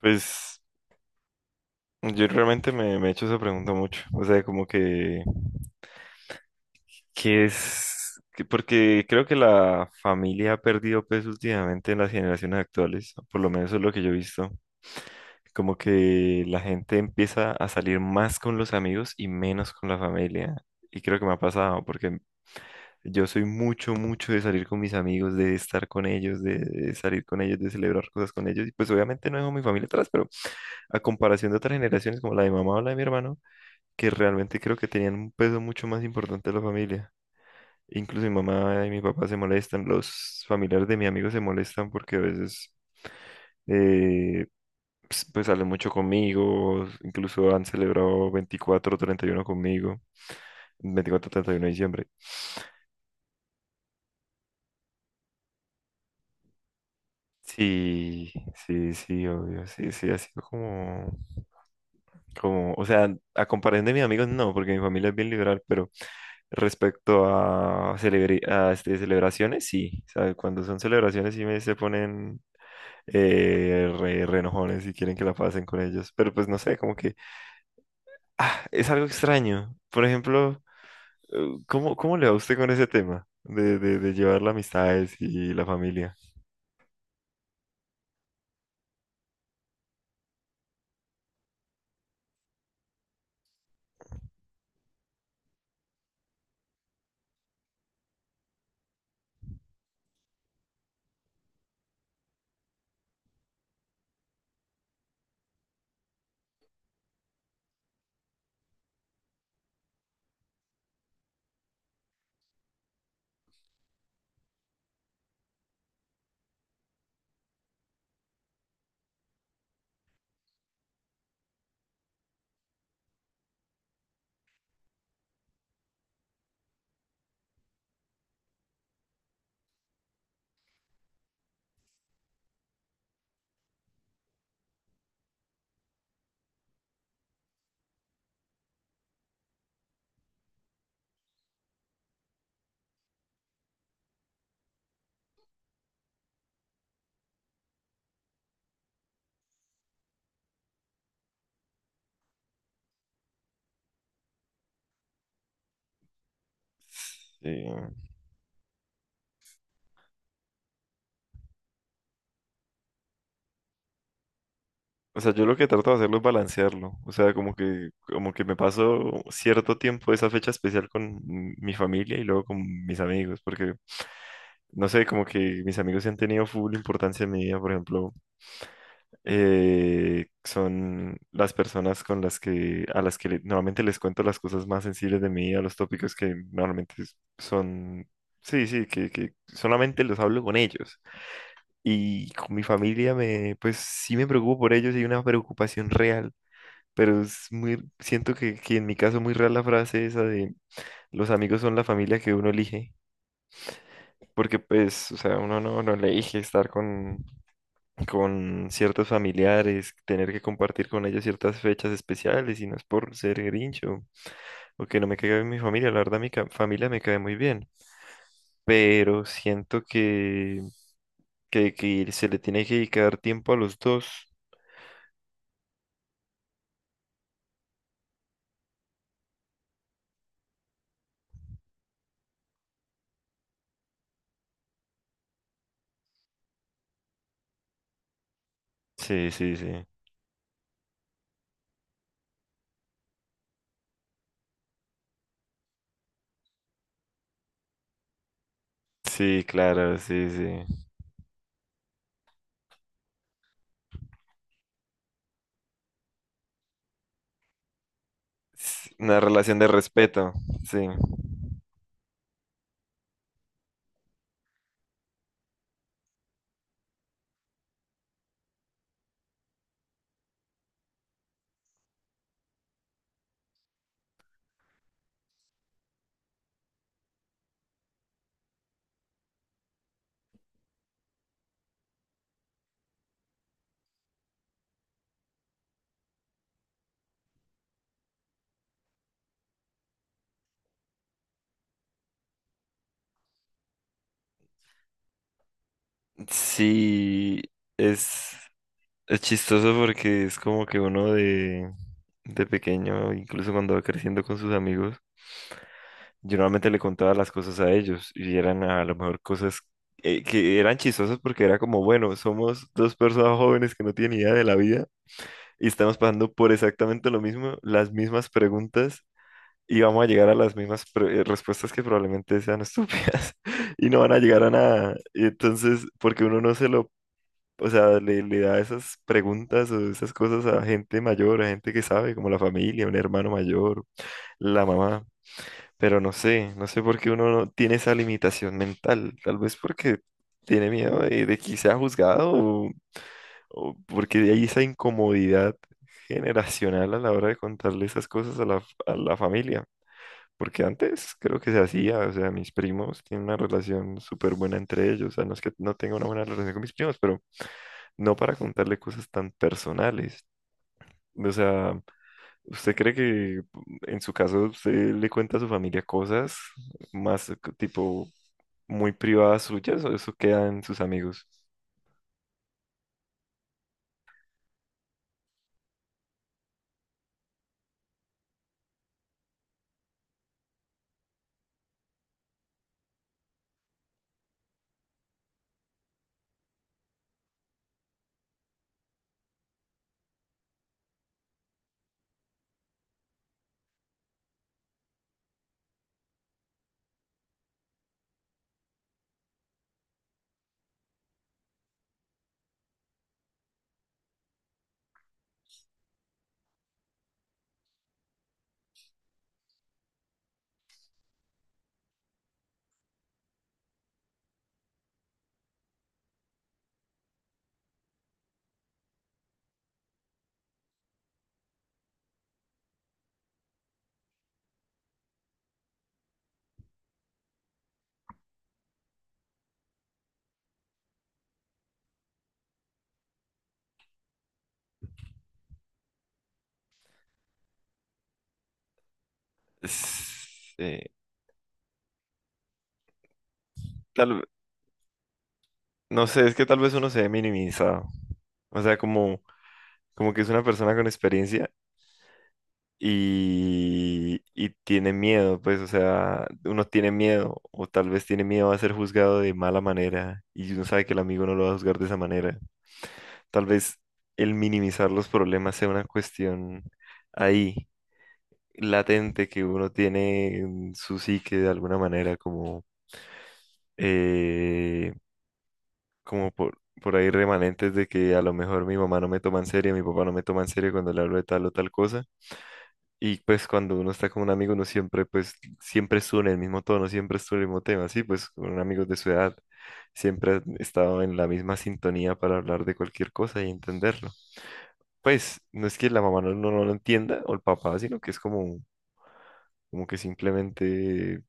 Pues yo realmente me he hecho esa pregunta mucho. O sea, como que, ¿qué es? Porque creo que la familia ha perdido peso últimamente en las generaciones actuales, por lo menos eso es lo que yo he visto. Como que la gente empieza a salir más con los amigos y menos con la familia. Y creo que me ha pasado, porque yo soy mucho, mucho de salir con mis amigos, de estar con ellos, de salir con ellos, de celebrar cosas con ellos. Y pues obviamente no dejo a mi familia atrás, pero a comparación de otras generaciones como la de mi mamá o la de mi hermano que realmente creo que tenían un peso mucho más importante de la familia. Incluso mi mamá y mi papá se molestan, los familiares de mi amigo se molestan porque a veces eh, pues, pues salen mucho conmigo, incluso han celebrado 24 o 31 conmigo, 24 o 31 de diciembre. Sí, sí, sí, obvio, sí, sí, ha sido como, como, o sea, a comparación de mis amigos no, porque mi familia es bien liberal, pero respecto a, a este, celebraciones, sí, ¿sabe? Cuando son celebraciones sí me se ponen re enojones y quieren que la pasen con ellos, pero pues no sé, como que ah, es algo extraño. Por ejemplo, ¿cómo, cómo le va a usted con ese tema de, de llevar las amistades y la familia? Sí. O sea, yo lo que trato de hacerlo es balancearlo. O sea, como que me paso cierto tiempo esa fecha especial con mi familia y luego con mis amigos, porque no sé, como que mis amigos sí han tenido full importancia en mi vida, por ejemplo, son las personas con las que, a las que le- normalmente les cuento las cosas más sensibles de mi vida, los tópicos que normalmente son, sí, sí, que solamente los hablo con ellos. Y con mi familia me, pues sí me preocupo por ellos y hay una preocupación real, pero es muy, siento que en mi caso muy rara la frase esa de los amigos son la familia que uno elige, porque pues, o sea, uno no, no elige estar con ciertos familiares, tener que compartir con ellos ciertas fechas especiales, y no es por ser grincho o que no me caiga bien mi familia, la verdad familia me cae muy bien, pero siento que se le tiene que dedicar tiempo a los dos. Sí, sí, sí. Sí, claro, sí, sí. Es una relación de respeto, sí. Sí, es, es chistoso porque es como que uno de pequeño, incluso cuando va creciendo con sus amigos, yo normalmente le contaba las cosas a ellos y eran a lo mejor cosas que eran chistosas porque era como, bueno, somos dos personas jóvenes que no tienen idea de la vida y estamos pasando por exactamente lo mismo, las mismas preguntas y vamos a llegar a las mismas respuestas que probablemente sean estúpidas y no van a llegar a nada. Y entonces, porque uno no se lo, o sea, le da esas preguntas o esas cosas a gente mayor, a gente que sabe, como la familia, un hermano mayor, la mamá. Pero no sé, no sé por qué uno no tiene esa limitación mental. Tal vez porque tiene miedo de que sea juzgado o porque hay esa incomodidad generacional a la hora de contarle esas cosas a la familia. Porque antes creo que se hacía, o sea, mis primos tienen una relación súper buena entre ellos, o sea, no es que no tenga una buena relación con mis primos, pero no para contarle cosas tan personales. O sea, ¿usted cree que en su caso usted le cuenta a su familia cosas más tipo muy privadas suyas o eso queda en sus amigos? Es, tal, ve- no sé, es que tal vez uno se ve minimizado. O sea, como, como que es una persona con experiencia y tiene miedo, pues, o sea, uno tiene miedo o tal vez tiene miedo a ser juzgado de mala manera y uno sabe que el amigo no lo va a juzgar de esa manera. Tal vez el minimizar los problemas sea una cuestión ahí latente que uno tiene en su psique de alguna manera, como, eh, como por ahí remanentes de que a lo mejor mi mamá no me toma en serio, mi papá no me toma en serio cuando le hablo de tal o tal cosa. Y pues cuando uno está con un amigo, uno siempre, pues, siempre estuvo en el mismo tono, siempre estuvo en el mismo tema, sí, pues con amigos de su edad, siempre han estado en la misma sintonía para hablar de cualquier cosa y entenderla. Pues no es que la mamá no, no, no lo entienda o el papá, sino que es como, como que simplemente,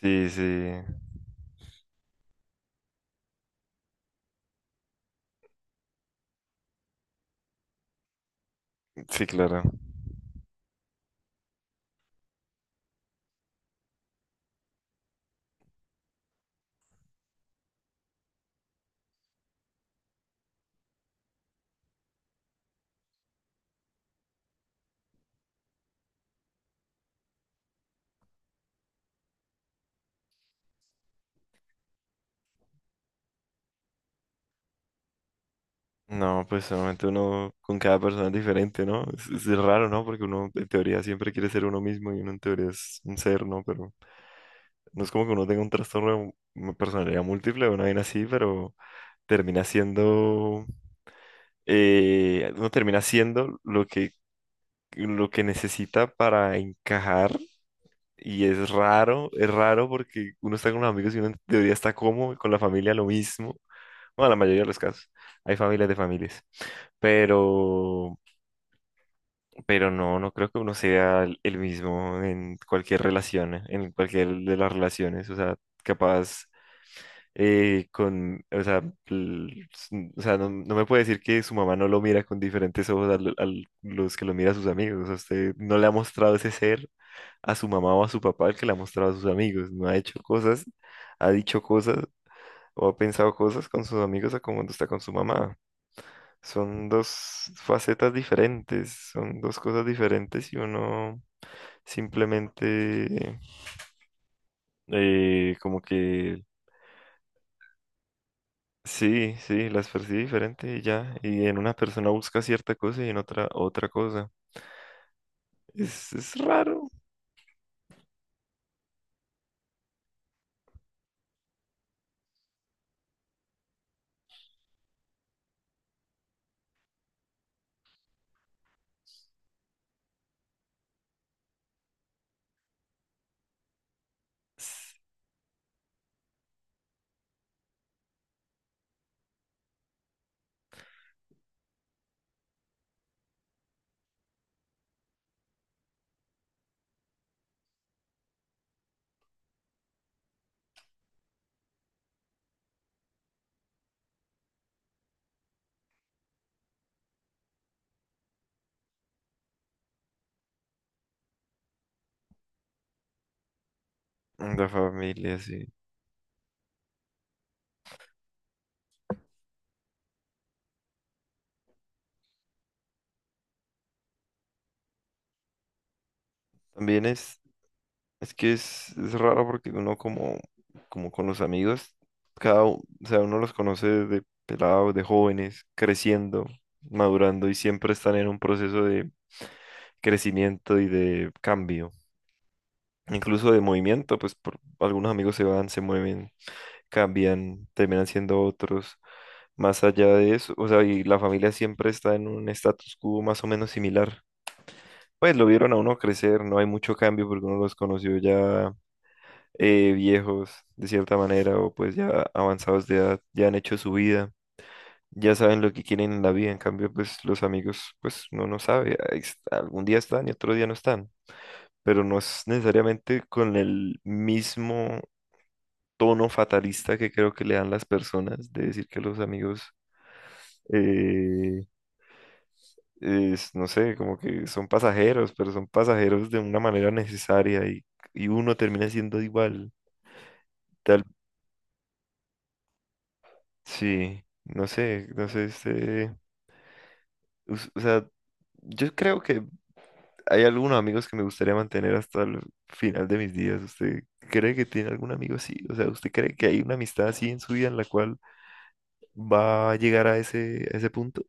sí, sí, sí, claro. No, pues solamente uno con cada persona es diferente, ¿no? Es raro, ¿no? Porque uno en teoría siempre quiere ser uno mismo y uno en teoría es un ser, ¿no? Pero no es como que uno tenga un trastorno de personalidad múltiple o una vaina así, pero termina siendo, uno termina siendo lo que necesita para encajar. Y es raro porque uno está con los amigos y uno en teoría está cómodo, con la familia lo mismo. Bueno, la mayoría de los casos. Hay familias de familias. Pero, pero no, no creo que uno sea el mismo en cualquier relación, en cualquier de las relaciones. O sea, capaz con, o sea, l- s- o sea, no, no me puede decir que su mamá no lo mira con diferentes ojos a, los que lo mira a sus amigos. O sea, usted no le ha mostrado ese ser a su mamá o a su papá el que le ha mostrado a sus amigos. No ha hecho cosas, ha dicho cosas o ha pensado cosas con sus amigos a como cuando está con su mamá. Son dos facetas diferentes, son dos cosas diferentes y uno simplemente como que, sí, sí, las percibe diferente y ya. Y en una persona busca cierta cosa y en otra otra cosa. Es raro. Es- La familia, sí. También es que es raro porque uno como, como con los amigos, o sea, uno los conoce de pelados, de jóvenes, creciendo, madurando y siempre están en un proceso de crecimiento y de cambio. Incluso de movimiento, pues por, algunos amigos se van, se mueven, cambian, terminan siendo otros. Más allá de eso, o sea, y la familia siempre está en un status quo más o menos similar. Pues lo vieron a uno crecer, no hay mucho cambio porque uno los conoció ya viejos de cierta manera o pues ya avanzados de edad, ya han hecho su vida, ya saben lo que quieren en la vida. En cambio, pues los amigos, pues no, no sabe, ahí algún día están y otro día no están, pero no es necesariamente con el mismo tono fatalista que creo que le dan las personas de decir que los amigos... eh, es, no sé, como que son pasajeros, pero son pasajeros de una manera necesaria y uno termina siendo igual. Tal, sí, no sé, no sé, este, o sea, yo creo que hay algunos amigos que me gustaría mantener hasta el final de mis días. ¿Usted cree que tiene algún amigo así? O sea, ¿usted cree que hay una amistad así en su vida en la cual va a llegar a ese punto?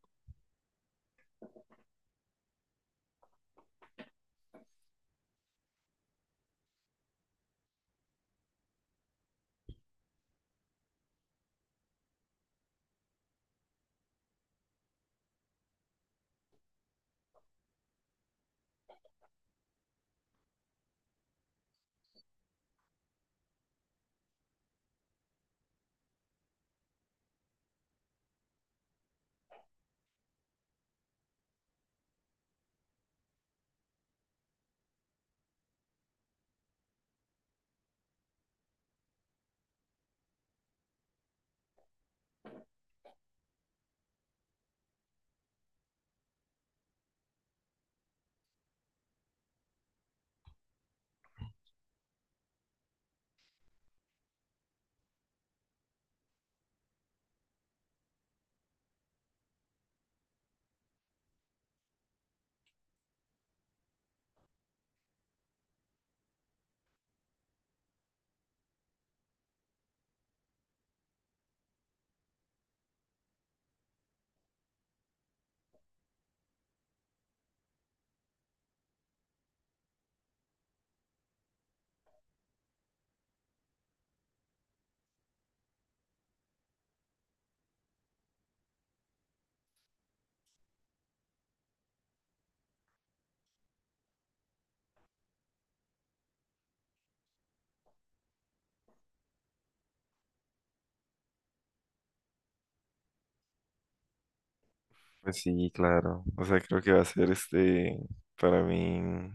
Pues sí, claro. O sea, creo que va a ser este, para mí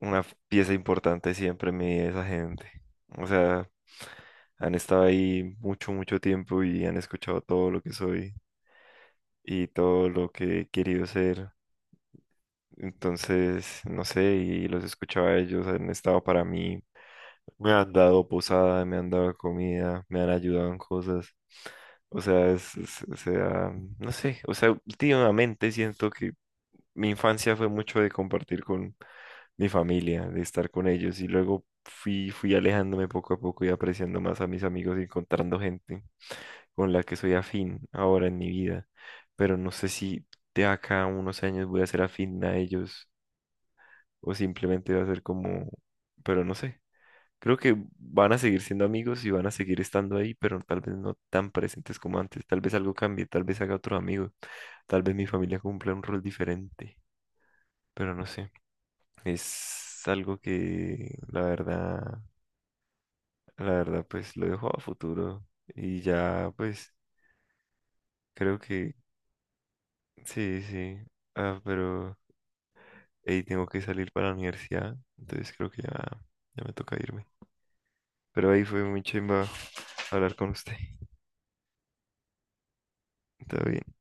una pieza importante siempre en mi vida esa gente. O sea, han estado ahí mucho, mucho tiempo y han escuchado todo lo que soy y todo lo que he querido ser. Entonces, no sé, y los escuchaba a ellos, han estado para mí, me han dado posada, me han dado comida, me han ayudado en cosas. O sea, o sea, no sé, o sea, últimamente siento que mi infancia fue mucho de compartir con mi familia, de estar con ellos y luego fui, fui alejándome poco a poco y apreciando más a mis amigos y encontrando gente con la que soy afín ahora en mi vida. Pero no sé si de acá a unos años voy a ser afín a ellos o simplemente va a ser como, pero no sé. Creo que van a seguir siendo amigos y van a seguir estando ahí, pero tal vez no tan presentes como antes. Tal vez algo cambie, tal vez haga otro amigo, tal vez mi familia cumpla un rol diferente, pero no sé. Es algo que la verdad, pues lo dejo a futuro. Y ya, pues, creo que sí, sí. Ah, pero ahí tengo que salir para la universidad. Entonces creo que ya, ya me toca irme. Pero ahí fue muy chimba hablar con usted. Todo bien.